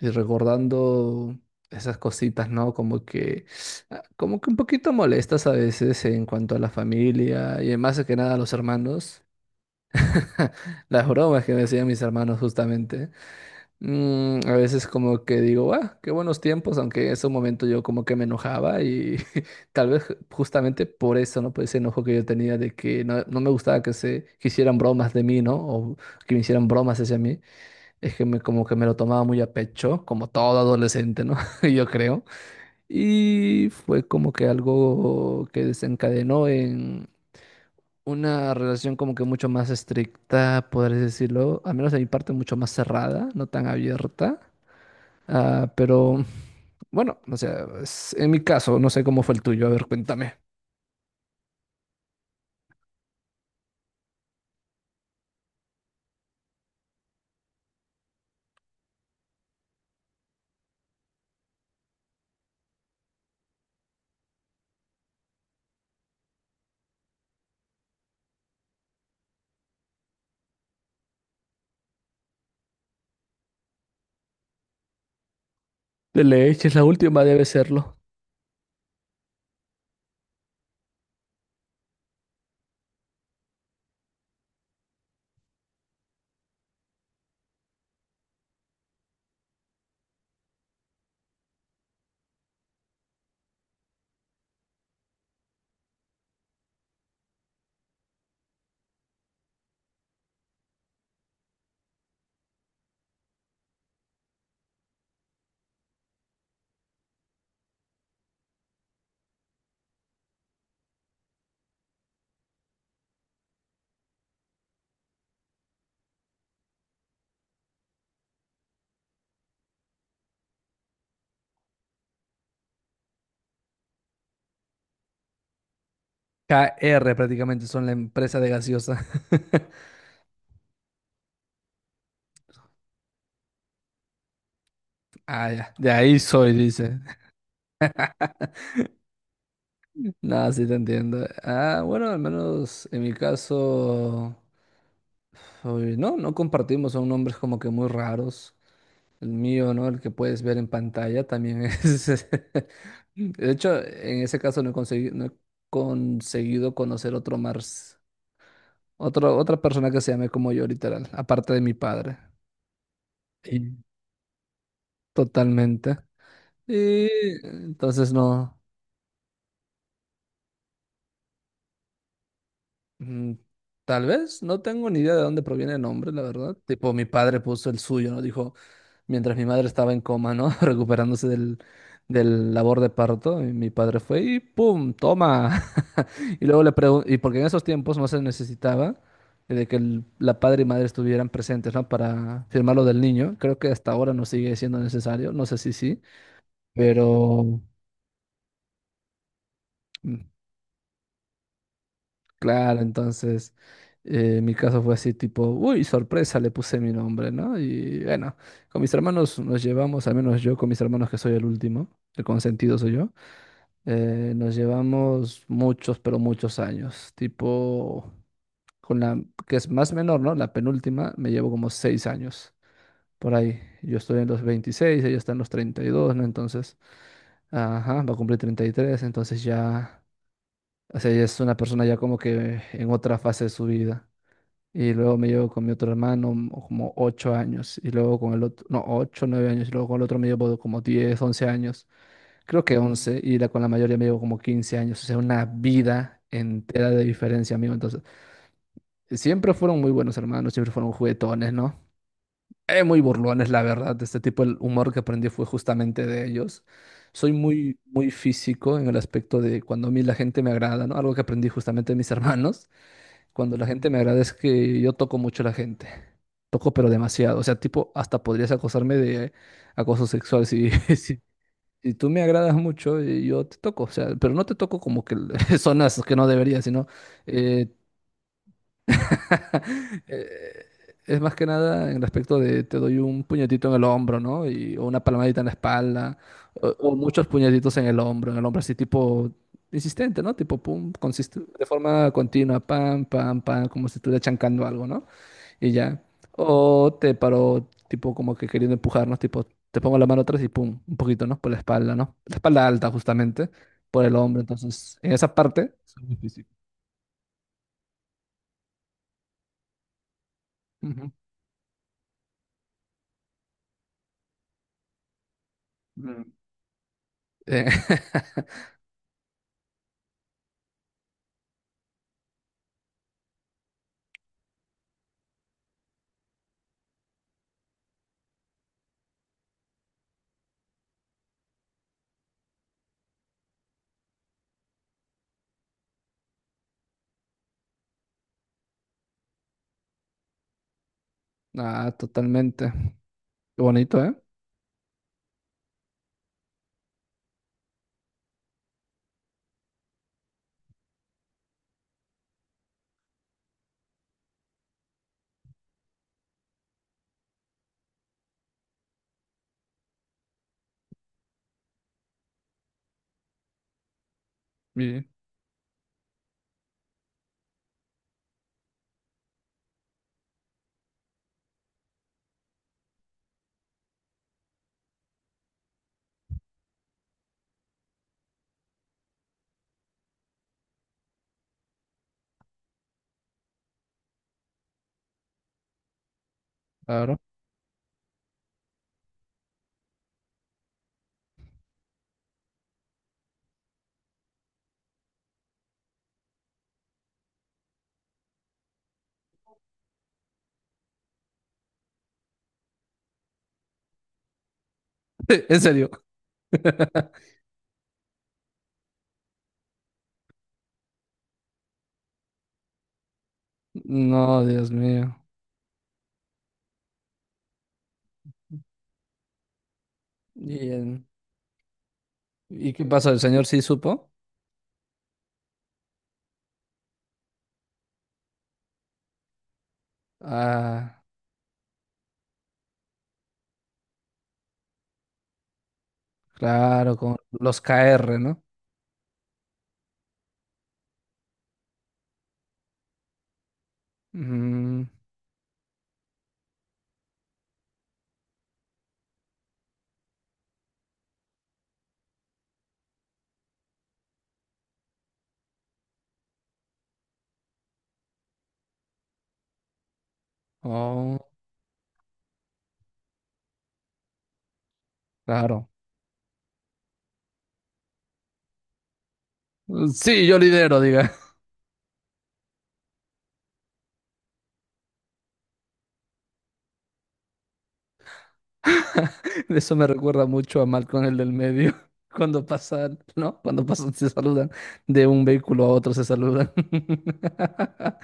Y recordando esas cositas, ¿no? Como que un poquito molestas a veces en cuanto a la familia y más que nada a los hermanos. Las bromas que me hacían mis hermanos justamente. A veces como que digo, ah, qué buenos tiempos, aunque en ese momento yo como que me enojaba y tal vez justamente por eso, ¿no? Por ese enojo que yo tenía de que no, no me gustaba que se que hicieran bromas de mí, ¿no? O que me hicieran bromas hacia mí. Es que como que me lo tomaba muy a pecho, como todo adolescente, ¿no? Yo creo. Y fue como que algo que desencadenó en una relación como que mucho más estricta, podrías decirlo, al menos de mi parte mucho más cerrada, no tan abierta. Ah, pero bueno, o sea, en mi caso, no sé cómo fue el tuyo, a ver, cuéntame. De leche es la última, debe serlo. KR prácticamente son la empresa de gaseosa. Ah, ya, de ahí soy, dice. Nada, sí te entiendo. Ah, bueno, al menos en mi caso, uy, no, no compartimos, son nombres como que muy raros. El mío, ¿no? El que puedes ver en pantalla también es... De hecho, en ese caso no he conseguido conocer otro más, otra persona que se llame como yo, literal, aparte de mi padre. y Totalmente. Y entonces no, mm, tal vez no tengo ni idea de dónde proviene el nombre, la verdad. Tipo, mi padre puso el suyo, ¿no? Dijo, mientras mi madre estaba en coma, ¿no? Recuperándose del labor de parto, y mi padre fue y ¡pum! ¡Toma! Y luego le pregunté, y porque en esos tiempos no se necesitaba de que la padre y madre estuvieran presentes, ¿no? Para firmar lo del niño. Creo que hasta ahora no sigue siendo necesario, no sé si sí, pero mm, claro, entonces... Mi caso fue así tipo, uy, sorpresa, le puse mi nombre, ¿no? Y bueno, con mis hermanos nos llevamos, al menos yo con mis hermanos que soy el último, el consentido soy yo. Nos llevamos muchos, pero muchos años. Tipo, con la que es más menor, ¿no? La penúltima, me llevo como 6 años por ahí. Yo estoy en los 26, ella está en los 32, ¿no? Entonces, ajá, va a cumplir 33, entonces ya, o sea, ella es una persona ya como que en otra fase de su vida. Y luego me llevo con mi otro hermano como 8 años, y luego con el otro, no, 8, 9 años, y luego con el otro me llevo como 10 u 11 años, creo que 11, y con la mayoría me llevo como 15 años, o sea, una vida entera de diferencia, amigo. Entonces, siempre fueron muy buenos hermanos, siempre fueron juguetones, ¿no? Muy burlones, la verdad. Este tipo, el humor que aprendí fue justamente de ellos. Soy muy, muy físico en el aspecto de cuando a mí la gente me agrada, ¿no? Algo que aprendí justamente de mis hermanos. Cuando la gente me agrada es que yo toco mucho a la gente. Toco, pero demasiado. O sea, tipo, hasta podrías acosarme de acoso sexual si si tú me agradas mucho, yo te toco, o sea, pero no te toco como que zonas que no debería, sino eh, eh, es más que nada en respecto de te doy un puñetito en el hombro, ¿no? O una palmadita en la espalda, o muchos puñetitos en el hombro así tipo insistente, ¿no? Tipo pum, de forma continua, pam, pam, pam, como si estuviera chancando algo, ¿no? Y ya. O te paró, tipo, como que queriendo empujarnos, tipo, te pongo la mano atrás y pum, un poquito, ¿no? Por la espalda, ¿no? La espalda alta, justamente, por el hombro. Entonces, en esa parte. Es muy difícil. Ujú. Mm. Eh, ah, totalmente. Qué bonito, ¿eh? Sí, claro. En serio. No, Dios mío. ¿Y, en- ¿y qué pasó? ¿El señor sí supo? Ah, claro, con los KR, ¿no? Mm, oh, claro. Sí, yo lidero, diga. Eso me recuerda mucho a Malcolm el del medio. Cuando pasan, ¿no? Cuando pasan, se saludan. De un vehículo a otro se saludan.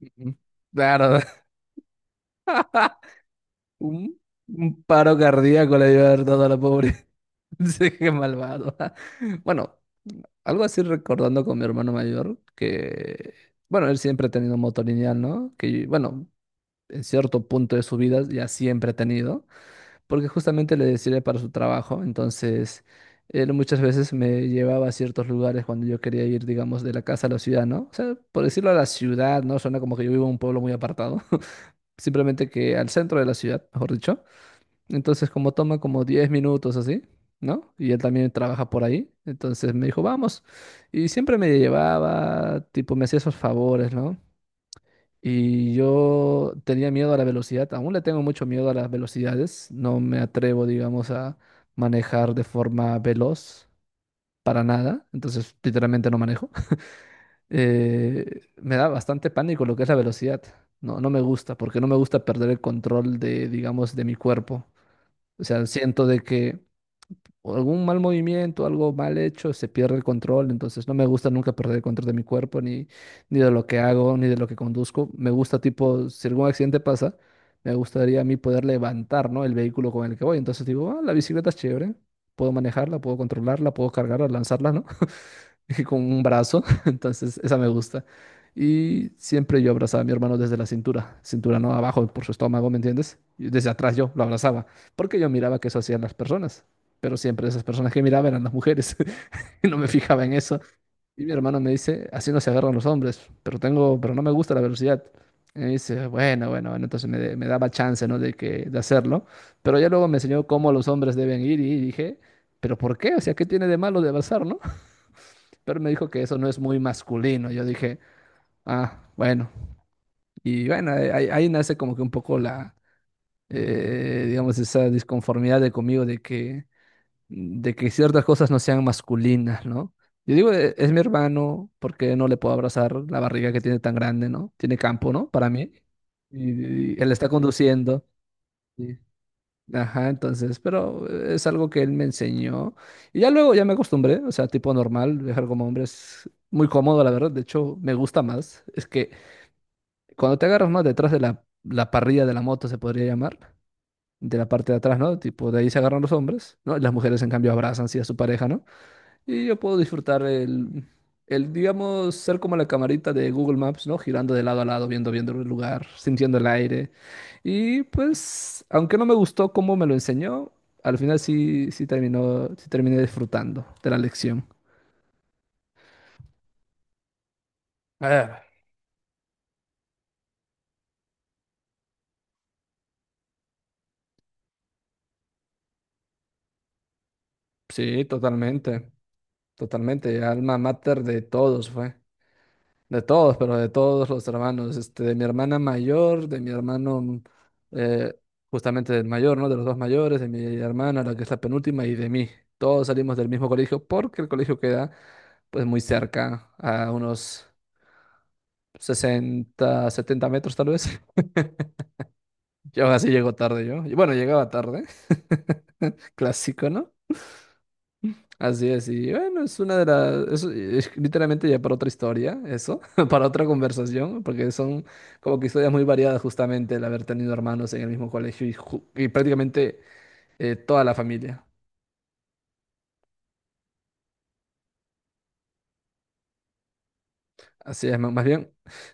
Ujú. Claro, un, un paro cardíaco le dio a haber dado a la pobre. Sí, qué malvado. Bueno, algo así recordando con mi hermano mayor, que, bueno, él siempre ha tenido moto lineal, ¿no? Que, bueno, en cierto punto de su vida ya siempre ha tenido, porque justamente le sirve para su trabajo. Entonces, él muchas veces me llevaba a ciertos lugares cuando yo quería ir, digamos, de la casa a la ciudad, ¿no? O sea, por decirlo a la ciudad, ¿no? Suena como que yo vivo en un pueblo muy apartado, simplemente que al centro de la ciudad, mejor dicho. Entonces, como toma como 10 minutos así. ¿No? Y él también trabaja por ahí. Entonces me dijo, vamos. Y siempre me llevaba, tipo, me hacía esos favores, ¿no? Y yo tenía miedo a la velocidad, aún le tengo mucho miedo a las velocidades, no me atrevo, digamos, a manejar de forma veloz para nada, entonces literalmente no manejo. Me da bastante pánico lo que es la velocidad, no, no me gusta, porque no me gusta perder el control de, digamos, de mi cuerpo. O sea, siento de que o algún mal movimiento, algo mal hecho, se pierde el control. Entonces no me gusta nunca perder el control de mi cuerpo, ni de lo que hago, ni de lo que conduzco. Me gusta tipo, si algún accidente pasa, me gustaría a mí poder levantar, ¿no? El vehículo con el que voy. Entonces digo, ah, la bicicleta es chévere, puedo manejarla, puedo controlarla, puedo cargarla, lanzarla, ¿no? con un brazo, entonces esa me gusta. Y siempre yo abrazaba a mi hermano desde la cintura, cintura no abajo por su estómago, ¿me entiendes? Y desde atrás yo lo abrazaba, porque yo miraba que eso hacían las personas, pero siempre esas personas que miraba eran las mujeres y no me fijaba en eso. Y mi hermano me dice, así no se agarran los hombres, pero no me gusta la velocidad. Y me dice, bueno, bueno, bueno, entonces me daba chance, ¿no? De hacerlo, pero ya luego me enseñó cómo los hombres deben ir y dije, pero ¿por qué? O sea, ¿qué tiene de malo de abrazar, no? Pero me dijo que eso no es muy masculino. Yo dije, ah, bueno. Y bueno, ahí nace como que un poco la, digamos, esa disconformidad de conmigo de que, ciertas cosas no sean masculinas, ¿no? Yo digo, Es mi hermano, ¿por qué no le puedo abrazar la barriga que tiene tan grande, ¿no? Tiene campo, ¿no? Para mí. Y él está conduciendo. Ajá, entonces, pero es algo que él me enseñó. Y ya luego ya me acostumbré, o sea, tipo normal, viajar como hombre es muy cómodo, la verdad. De hecho, me gusta más. Es que cuando te agarras más detrás de la parrilla de la moto, se podría llamar, de la parte de atrás, ¿no? Tipo, de ahí se agarran los hombres, ¿no? Y las mujeres, en cambio, abrazan, sí, a su pareja, ¿no? Y yo puedo disfrutar el, digamos, ser como la camarita de Google Maps, ¿no? Girando de lado a lado, viendo, viendo el lugar, sintiendo el aire. Y pues, aunque no me gustó cómo me lo enseñó, al final sí terminé disfrutando de la lección. Eh, sí, totalmente, totalmente. Alma mater de todos fue. De todos, pero de todos los hermanos, este, de mi hermana mayor, de mi hermano, eh, justamente el mayor, ¿no? De los dos mayores, de mi hermana, la que es la penúltima, y de mí. Todos salimos del mismo colegio porque el colegio queda, pues, muy cerca, a unos 60-70 metros tal vez. Yo así llego tarde yo. Y bueno, llegaba tarde, clásico, ¿no? Así es, y bueno, es una eso es literalmente ya para otra historia, eso, para otra conversación, porque son como que historias muy variadas justamente el haber tenido hermanos en el mismo colegio y prácticamente toda la familia. Así es, más bien,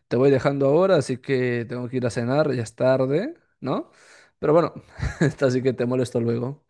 te voy dejando ahora, así que tengo que ir a cenar, ya es tarde, ¿no? Pero bueno, así que te molesto luego.